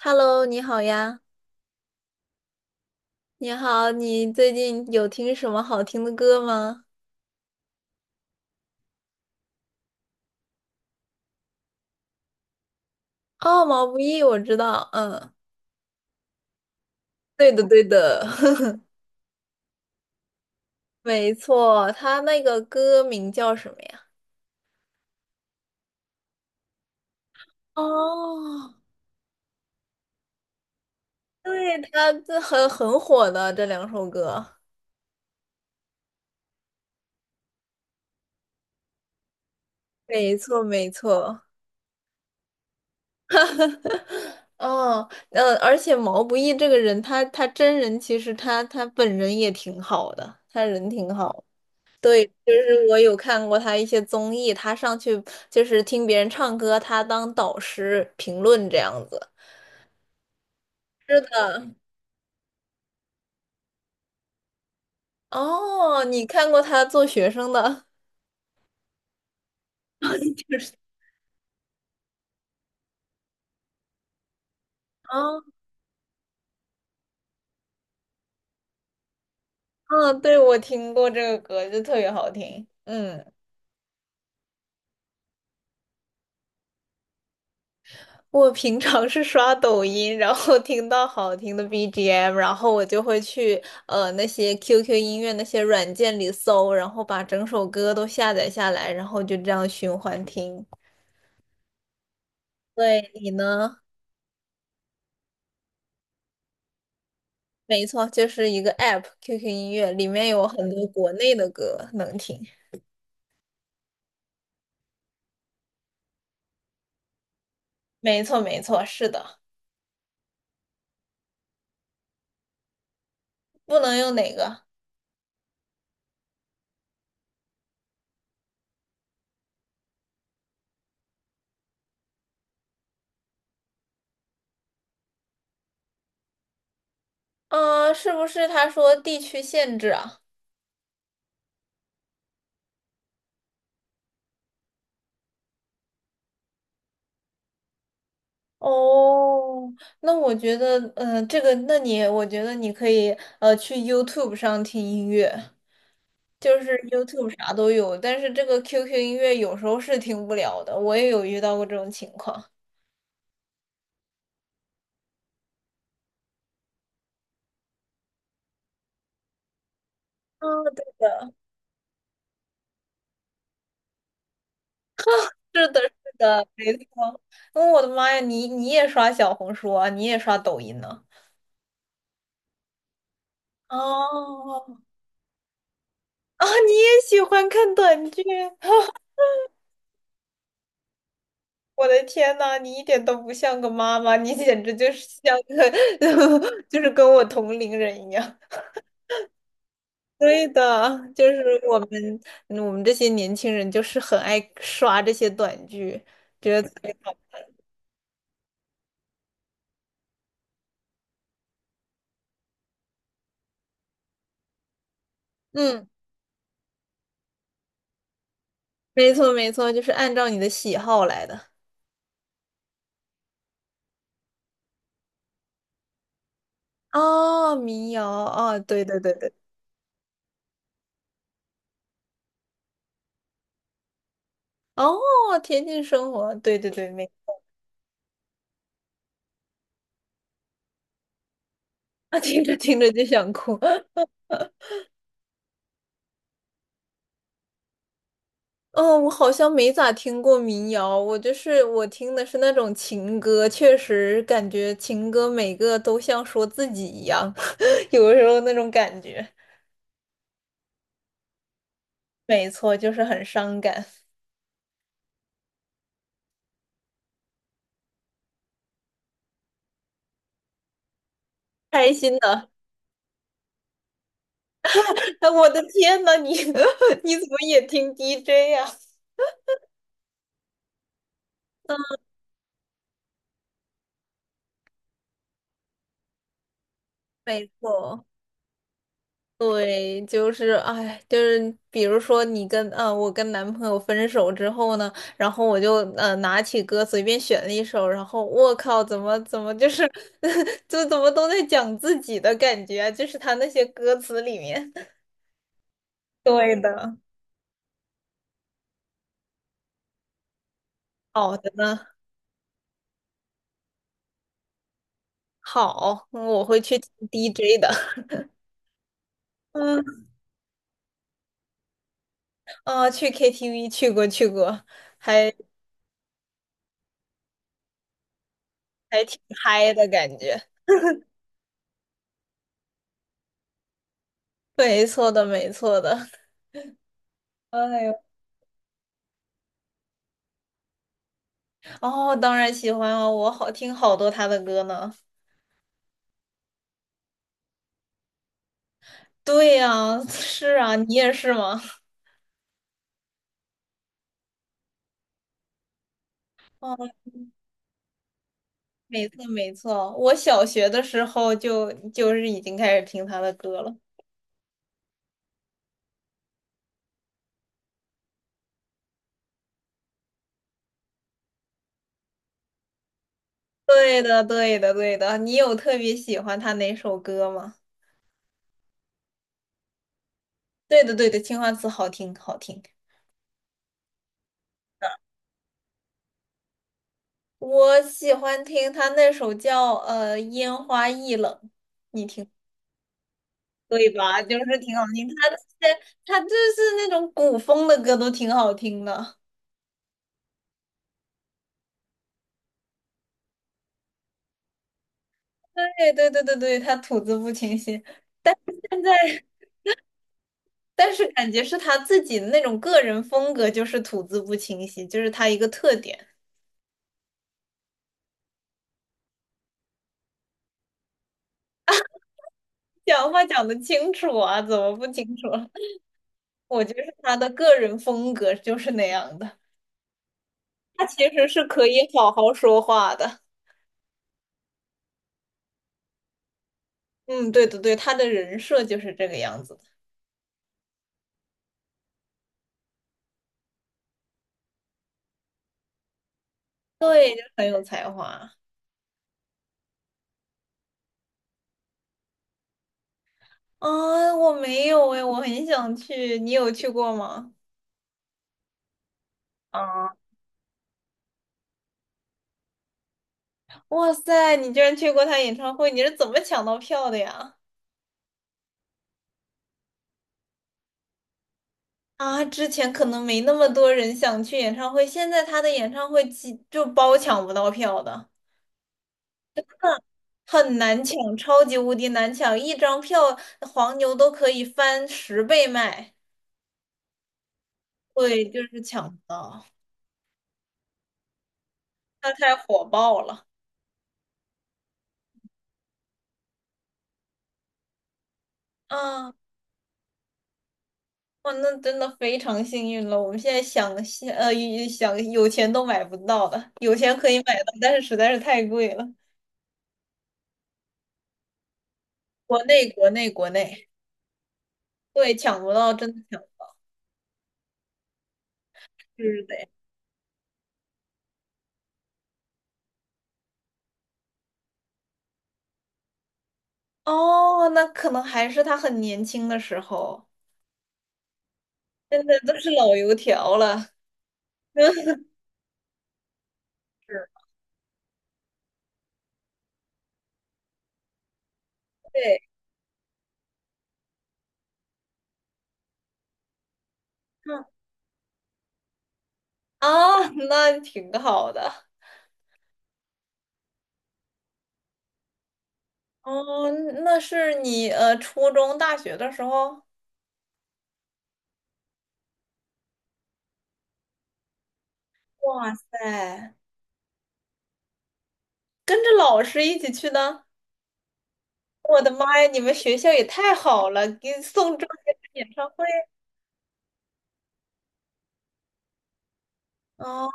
Hello，你好呀，你好，你最近有听什么好听的歌吗？哦，毛不易，我知道，嗯，对的，对的，没错，他那个歌名叫什么呀？哦，对，他这很火的这两首歌，没错，没错，哦，而且毛不易这个人，他真人其实他本人也挺好的，他人挺好。对，就是我有看过他一些综艺，他上去就是听别人唱歌，他当导师评论这样子。是的，哦，你看过他做学生的？就是哦，嗯，对，我听过这个歌，就特别好听。嗯，我平常是刷抖音，然后听到好听的 BGM，然后我就会去那些 QQ 音乐那些软件里搜，然后把整首歌都下载下来，然后就这样循环听。对，你呢？没错，就是一个 app，QQ 音乐里面有很多国内的歌能听。没错，没错，是的，不能用哪个？啊？是不是他说地区限制啊？哦，那我觉得，嗯，我觉得你可以，去 YouTube 上听音乐，就是 YouTube 啥都有，但是这个 QQ 音乐有时候是听不了的，我也有遇到过这种情况。啊，对。是的，是的，没错。嗯，我的妈呀，你你也刷小红书啊，你也刷抖音呢？哦，啊，你也喜欢看短剧？我的天呐，你一点都不像个妈妈，你简直就是像个，就是跟我同龄人一样。对的，就是我们这些年轻人就是很爱刷这些短剧，觉得嗯，没错没错，就是按照你的喜好来的。哦，民谣，哦，对对对对。哦，田径生活，对对对，没啊，听着听着就想哭。嗯，我好像没咋听过民谣，我就是我听的是那种情歌，确实感觉情歌每个都像说自己一样，有的时候那种感觉，没错，就是很伤感。开心的，哎，我的天呐，你 你怎么也听 DJ 呀、没错。对，就是哎，就是比如说我跟男朋友分手之后呢，然后我就拿起歌随便选了一首，然后我靠，怎么就是 就怎么都在讲自己的感觉啊，就是他那些歌词里面。对的，好的呢，好，嗯我会去听 DJ 的，嗯啊，去 KTV 去过，还还挺嗨的感觉，没错的，没错的。哎呦哦，当然喜欢啊，我好听好多他的歌呢。对呀，是啊，你也是吗？哦，没错没错，我小学的时候就是已经开始听他的歌了。对的对的对的，你有特别喜欢他哪首歌吗？对的对的，《青花瓷》好听好听，我喜欢听他那首叫《烟花易冷》，你听。对吧？就是挺好听，他那种古风的歌都挺好听的。对对对对对，他吐字不清晰，现在但是感觉是他自己的那种个人风格，就是吐字不清晰，就是他一个特点。讲话讲得清楚啊，怎么不清楚了？我觉得是他的个人风格就是那样的，他其实是可以好好说话的。嗯，对对对，他的人设就是这个样子的，对，就很有才华啊。我没有诶，我很想去，你有去过吗？啊，哇塞，你居然去过他演唱会，你是怎么抢到票的呀？啊，之前可能没那么多人想去演唱会，现在他的演唱会几就包抢不到票的，很难抢，超级无敌难抢，一张票黄牛都可以翻十倍卖，对，就是抢不到，他太火爆了，啊，哇，那真的非常幸运了，我们现在想现呃一想有钱都买不到的，有钱可以买到，但是实在是太贵了，国内，对，抢不到，真的抢不到，就是的。哦，那可能还是他很年轻的时候，现在都是老油条了。是，对，嗯，啊，那挺好的。哦，那是你初中、大学的时候？哇塞，跟着老师一起去的？我的妈呀，你们学校也太好了，给你送周杰伦演唱会。哦，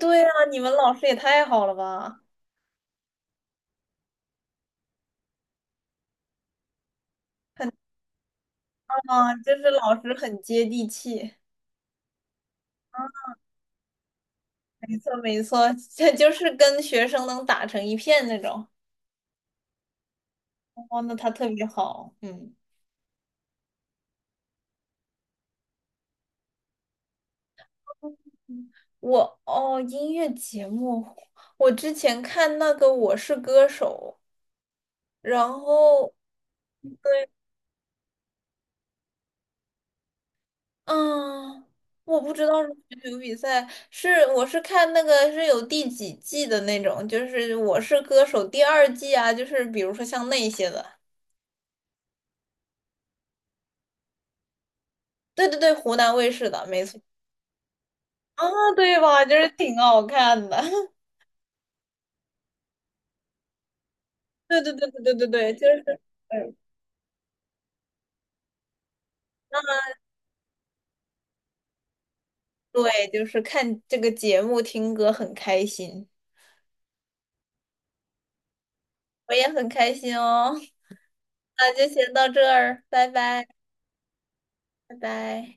对啊，你们老师也太好了吧？啊，就是老师很接地气。没错，没错，这就是跟学生能打成一片那种。哦，那他特别好，嗯。我哦，音乐节目，我之前看那个《我是歌手》，然后对，嗯，我不知道是选手比赛，是我是看那个是有第几季的那种，就是《我是歌手》第2季啊，就是比如说像那些的，对对对，湖南卫视的，没错啊，对吧？就是挺好看的。对对对对对对对，就是，嗯，对，就是看这个节目听歌很开心，我也很开心哦。那就先到这儿，拜拜，拜拜。